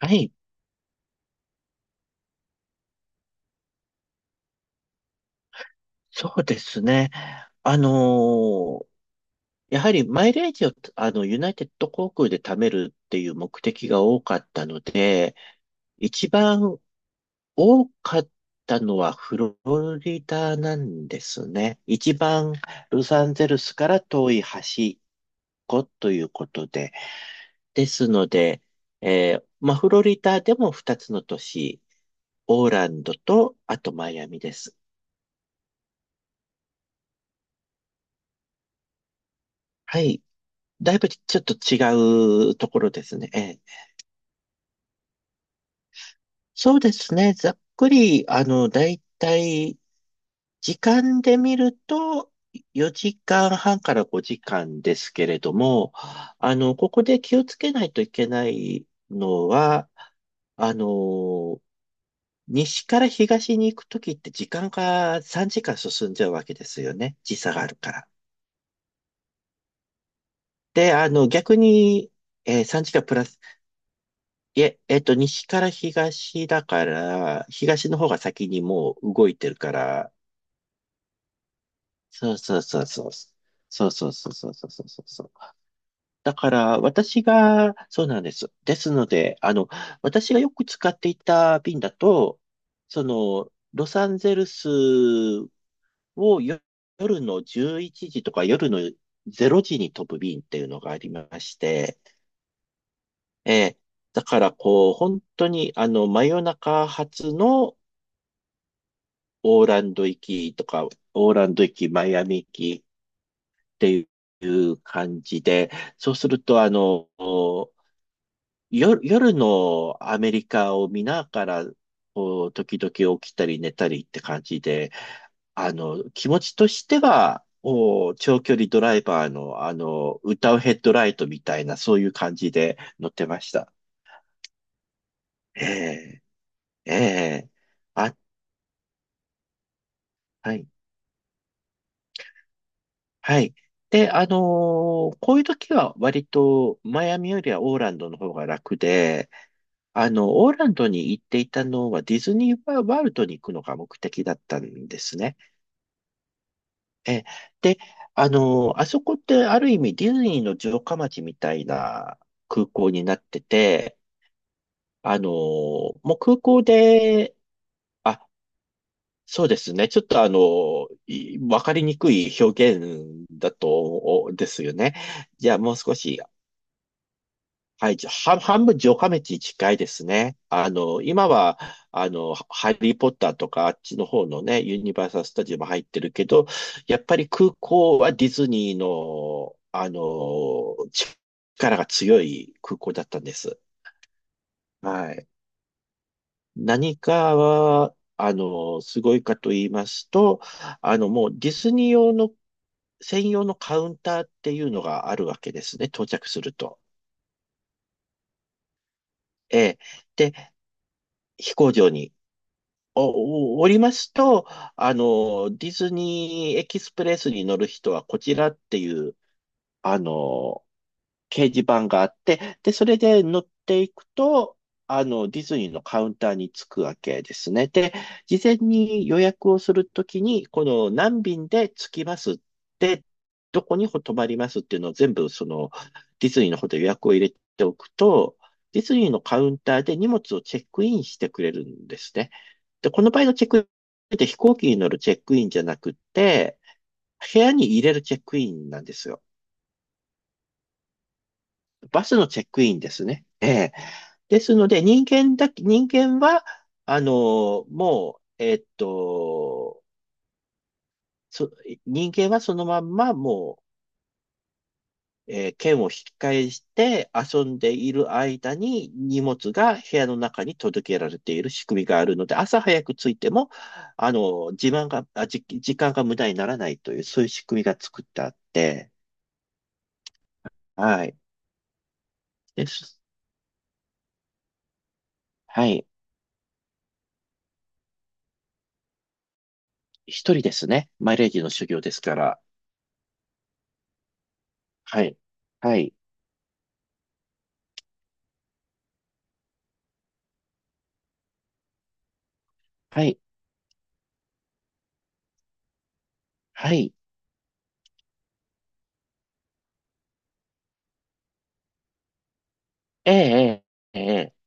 はい、そうですね。あのーやはりマイレージを、ユナイテッド航空で貯めるっていう目的が多かったので、一番多かったのはフロリダなんですね。一番ロサンゼルスから遠い端っこということで。ですので、まあ、フロリダでも2つの都市、オーランドと、あとマイアミです。はい。だいぶちょっと違うところですね。ええ、そうですね。ざっくり、だいたい時間で見ると、4時間半から5時間ですけれども、ここで気をつけないといけないのは、あの、西から東に行くときって時間が3時間進んじゃうわけですよね。時差があるから。で、逆に、3時間プラス、いえ、西から東だから、東の方が先にもう動いてるから、そうそうそうそう。そうそうそうそうそうそうそうそう。だから、私が、そうなんです。ですので、私がよく使っていた便だと、ロサンゼルスを夜の11時とか夜の0時に飛ぶ便っていうのがありまして、えーだから、こう、本当に、真夜中発の、オーランド行きとか、オーランド行き、マイアミ行きっていう感じで、そうすると、夜のアメリカを見ながら、こう、時々起きたり寝たりって感じで、気持ちとしては、長距離ドライバーの、歌うヘッドライトみたいな、そういう感じで乗ってました。ええ、ええ、あ、はい。はい。で、こういう時は割とマイアミよりはオーランドの方が楽で、オーランドに行っていたのはディズニーワールドに行くのが目的だったんですね。え、で、あそこってある意味ディズニーの城下町みたいな空港になってて、もう空港で、あ、そうですね。ちょっとわかりにくい表現だと、ですよね。じゃあもう少し、はい、じゃ半分城下町に近いですね。今は、ハリーポッターとかあっちの方のね、ユニバーサルスタジオも入ってるけど、やっぱり空港はディズニーの、力が強い空港だったんです。はい。何かは、すごいかと言いますと、もうディズニー用の専用のカウンターっていうのがあるわけですね、到着すると。ええ。で、飛行場におりますと、ディズニーエキスプレスに乗る人はこちらっていう、あの、掲示板があって、で、それで乗っていくと、ディズニーのカウンターに着くわけですね。で、事前に予約をするときに、この何便で着きますって、どこに泊まりますっていうのを全部、ディズニーの方で予約を入れておくと、ディズニーのカウンターで荷物をチェックインしてくれるんですね。で、この場合のチェックインって飛行機に乗るチェックインじゃなくて、部屋に入れるチェックインなんですよ。バスのチェックインですね。ですので、人間は、もう、そ、人間はそのまんま、もう、剣を引き返して遊んでいる間に荷物が部屋の中に届けられている仕組みがあるので、朝早く着いても、時間が無駄にならないという、そういう仕組みが作ってあって、はい。です。はい。一人ですね。マイレージの修行ですから。はい。はい。はい。はい。ええ、ええ、ええ、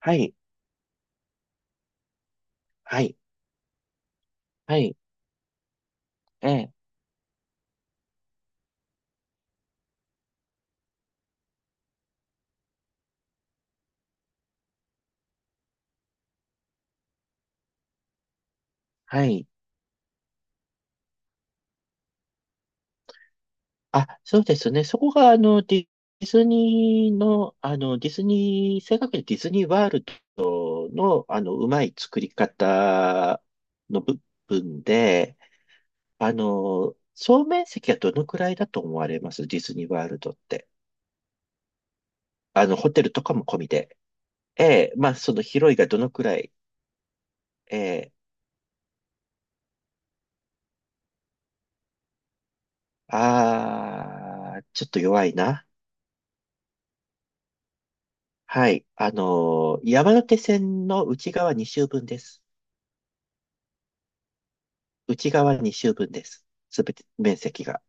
はい、はい、はい、ええ、はい。あ、そうですね。そこが、ディズニー、正確にディズニーワールドの、うまい作り方の部分で、総面積はどのくらいだと思われますディズニーワールドって。ホテルとかも込みで。ええ、まあ、その広いがどのくらい。ええ、ちょっと弱いな。はい。山手線の内側2周分です。内側2周分です。すべて面積が。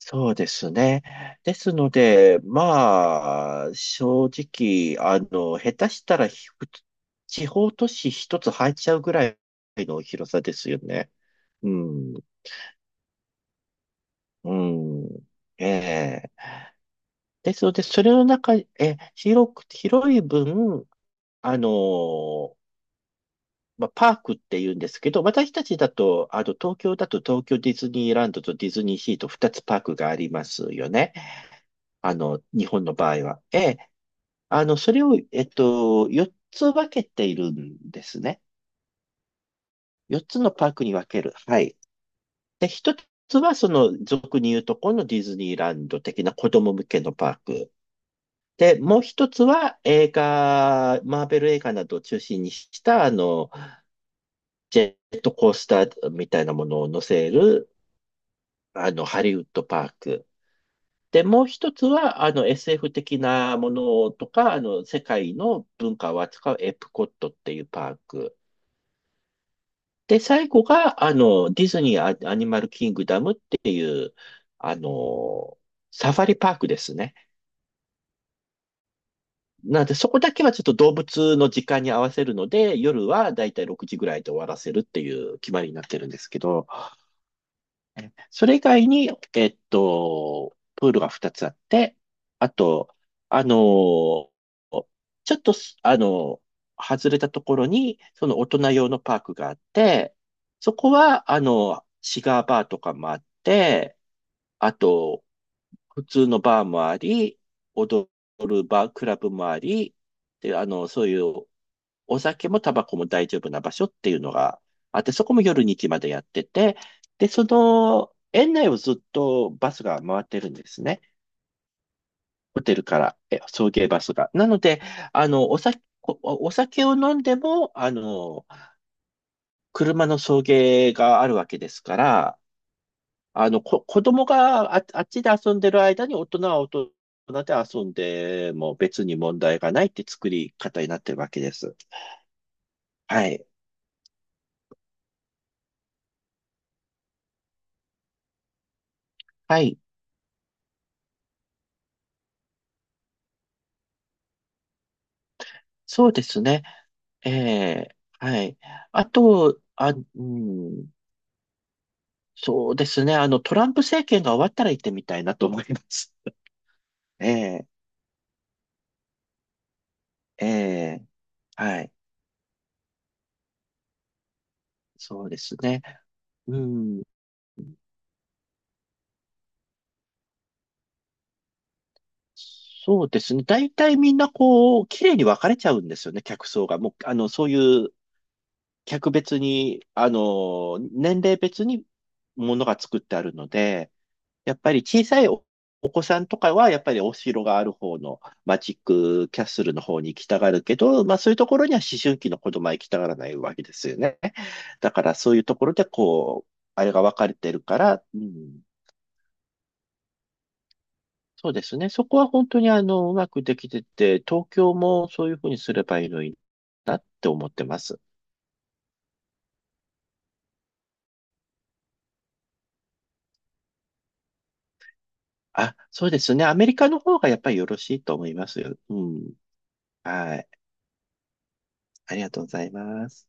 そうですね。ですので、まあ、正直、下手したら地方都市一つ入っちゃうぐらいの広さですよね。うん。うん。ええ。ですので、それの中、広い分、あのーまあ、パークって言うんですけど、私たちだと、東京だと東京ディズニーランドとディズニーシーと2つパークがありますよね。日本の場合は。ええ、それを、4つ分けているんですね。4つのパークに分ける。はい。で、1つは、俗に言うとこのディズニーランド的な子供向けのパーク。で、もう一つは映画、マーベル映画などを中心にした、ジェットコースターみたいなものを乗せるハリウッドパーク。で、もう一つは、SF 的なものとか、世界の文化を扱うエプコットっていうパーク。で、最後が、ディズニーアアニマルキングダムっていう、あの、サファリパークですね。なんで、そこだけはちょっと動物の時間に合わせるので、夜はだいたい6時ぐらいで終わらせるっていう決まりになってるんですけど、それ以外に、プールが2つあって、あと、あのーちょっと外れたところに、その大人用のパークがあって、そこは、シガーバーとかもあって、あと、普通のバーもあり、踊るバー、クラブもあり、で、そういうお酒もタバコも大丈夫な場所っていうのがあって、そこも夜2時までやってて、で、園内をずっとバスが回ってるんですね。ホテルから、送迎バスが。なので、お酒を飲んでも、車の送迎があるわけですから、子供があっちで遊んでる間に大人は大人で遊んでも別に問題がないって作り方になってるわけです。はい。はい。そうですね。ええ、はい。あと、あ、うん、そうですね。トランプ政権が終わったら行ってみたいなと思います。ええ、ええ、はい。そうですね。うん、そうですね。大体みんなこう、綺麗に分かれちゃうんですよね、客層が。もう、そういう客別に、あの、年齢別にものが作ってあるので、やっぱり小さいお、お子さんとかは、やっぱりお城がある方のマジックキャッスルの方に行きたがるけど、まあそういうところには思春期の子供は行きたがらないわけですよね。だからそういうところでこう、あれが分かれてるから、うん、そうですね。そこは本当にうまくできてて、東京もそういうふうにすればいいのにって思ってます。あ、そうですね。アメリカの方がやっぱりよろしいと思いますよ。うん。はい。ありがとうございます。